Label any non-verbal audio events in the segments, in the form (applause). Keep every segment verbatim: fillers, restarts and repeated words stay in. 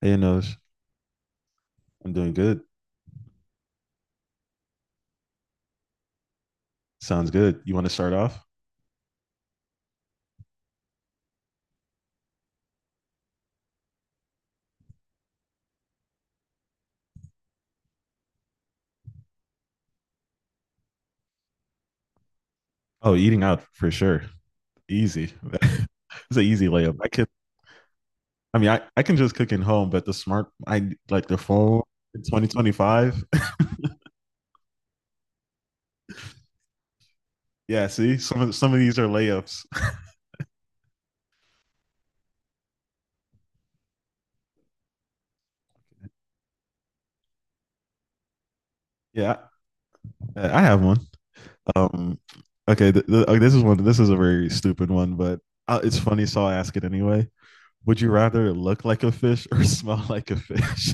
Hey, Noj. I'm doing good. Sounds good. You want to start off? Oh, eating out for sure. Easy. (laughs) It's an easy layup. I can. I mean, I, I can just cook in home, but the smart, I like the phone in twenty twenty-five. (laughs) Yeah, see, some of some of these are layups. (laughs) Yeah, I I have one. Um, okay, th th okay, this is one. This is a very stupid one, but uh, it's funny, so I'll ask it anyway. Would you rather look like a fish or (laughs) smell like a fish?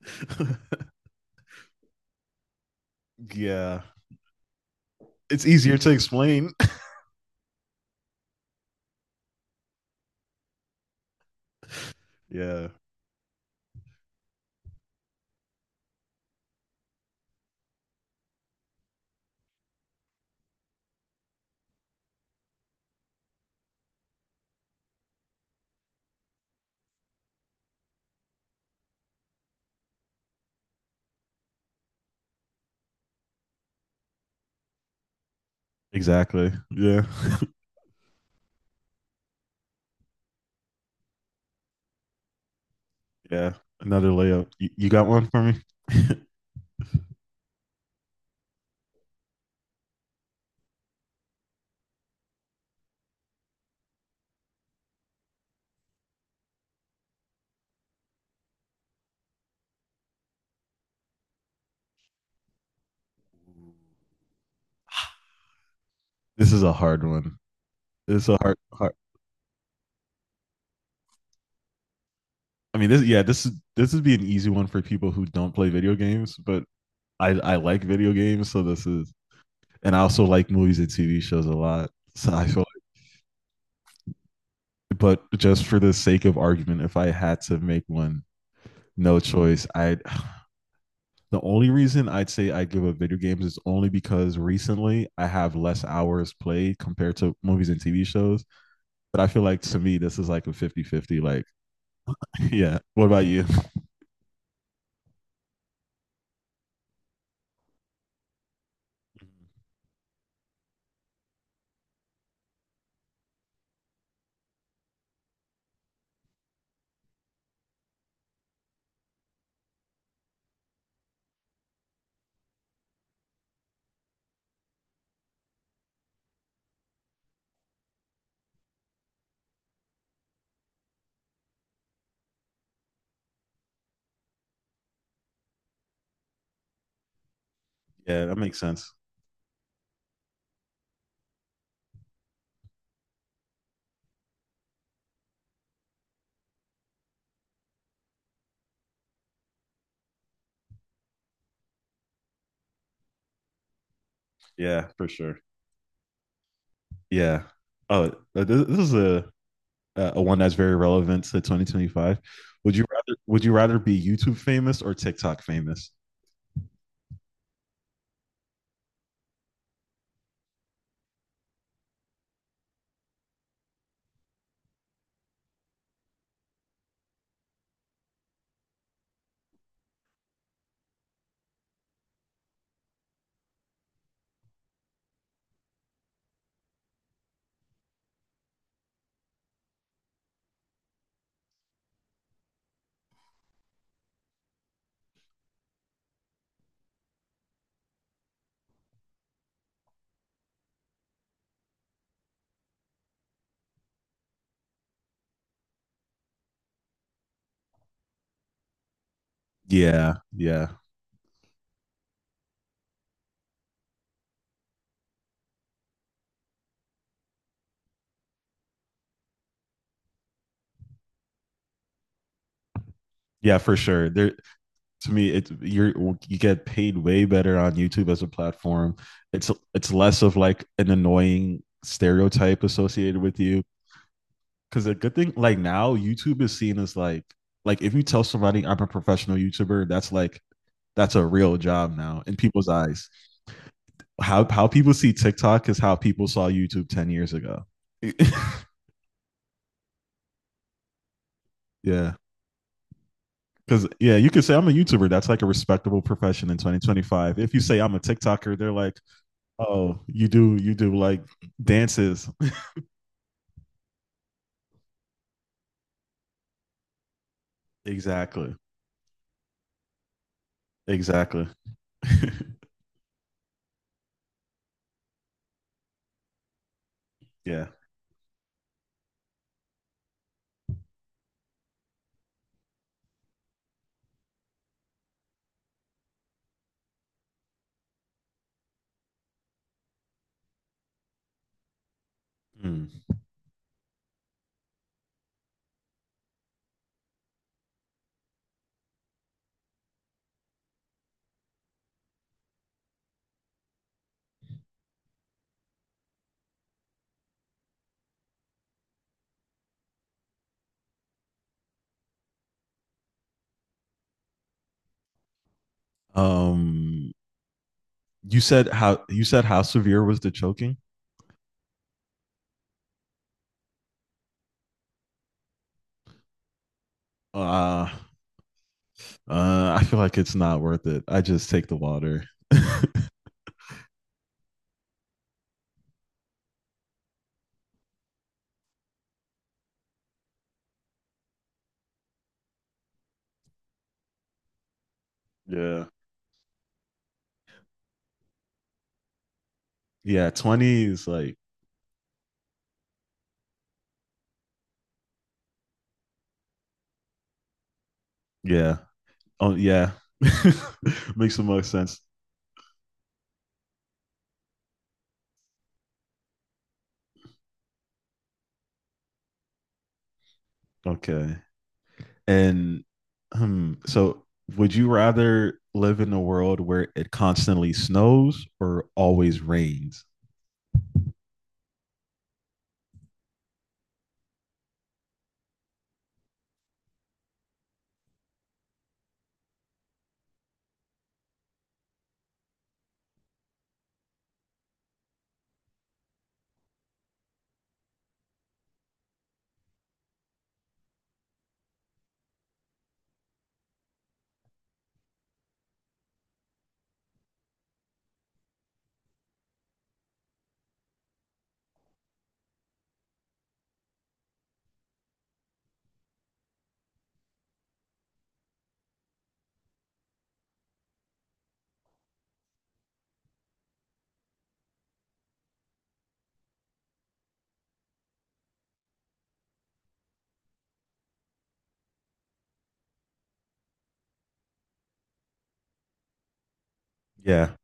(laughs) Yeah, it's easier to explain. (laughs) Yeah. Exactly. Yeah. Yeah. Another layup. You, you got one for me? (laughs) This is a hard one. This is a hard, hard. I mean, this yeah, this is this would be an easy one for people who don't play video games, but I I like video games, so this is and I also like movies and T V shows a lot. So I feel like, but just for the sake of argument, if I had to make one, no choice, I the only reason I'd say I give up video games is only because recently I have less hours played compared to movies and T V shows. But I feel like to me, this is like a fifty-fifty. Like, (laughs) yeah. What about you? Yeah, that makes sense. Yeah, for sure. Yeah. Oh, th- this is a, a one that's very relevant to twenty twenty-five. Would you rather would you rather be YouTube famous or TikTok famous? Yeah, yeah. Yeah, for sure. There to me it you're you get paid way better on YouTube as a platform. It's it's less of like an annoying stereotype associated with you, because a good thing, like, now YouTube is seen as like like if you tell somebody I'm a professional YouTuber, that's like that's a real job now in people's eyes. How how people see TikTok is how people saw YouTube ten years ago. (laughs) Yeah, because yeah, you could say I'm a YouTuber, that's like a respectable profession in twenty twenty-five. If you say I'm a TikToker, they're like, oh, you do you do like dances. (laughs) Exactly. Exactly. (laughs) Yeah. Mm. Um you said how you said how severe was the choking? Uh uh I feel like it's not worth it. I just take the water. Yeah. Yeah, twenty is like yeah. Oh yeah. (laughs) Makes the most sense. Okay. And hmm, so, would you rather live in a world where it constantly snows or always rains? Yeah.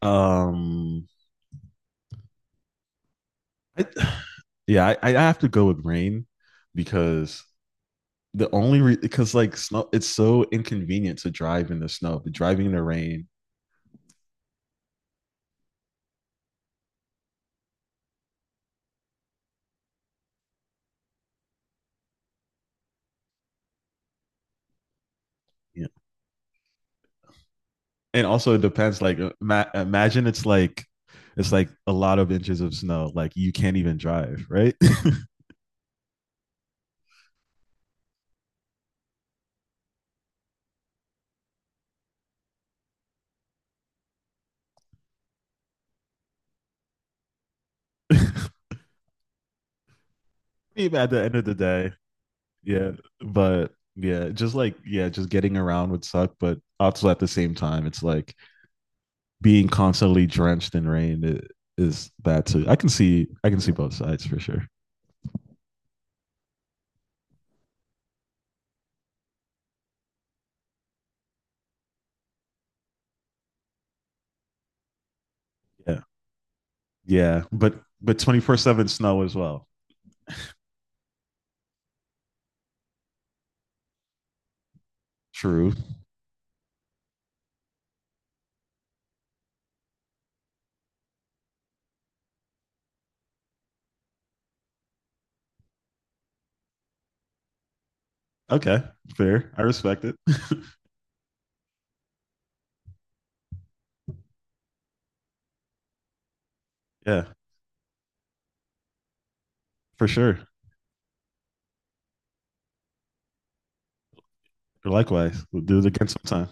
Um. I, (sighs) yeah, I, I have to go with rain because the only re- because like snow, it's so inconvenient to drive in the snow, but driving in the rain. Yeah. And also it depends. Like uh, ma- imagine it's like it's like a lot of inches of snow. Like you can't even drive, right? (laughs) Maybe at the end of the day, yeah. But yeah, just like yeah, just getting around would suck. But also at the same time, it's like being constantly drenched in rain is that too. I can see I can see both sides for sure. Yeah. Yeah, but but twenty-four seven snow as well. True. Okay, fair. I respect it. (laughs) Yeah, for sure. Likewise. We'll do it again sometime.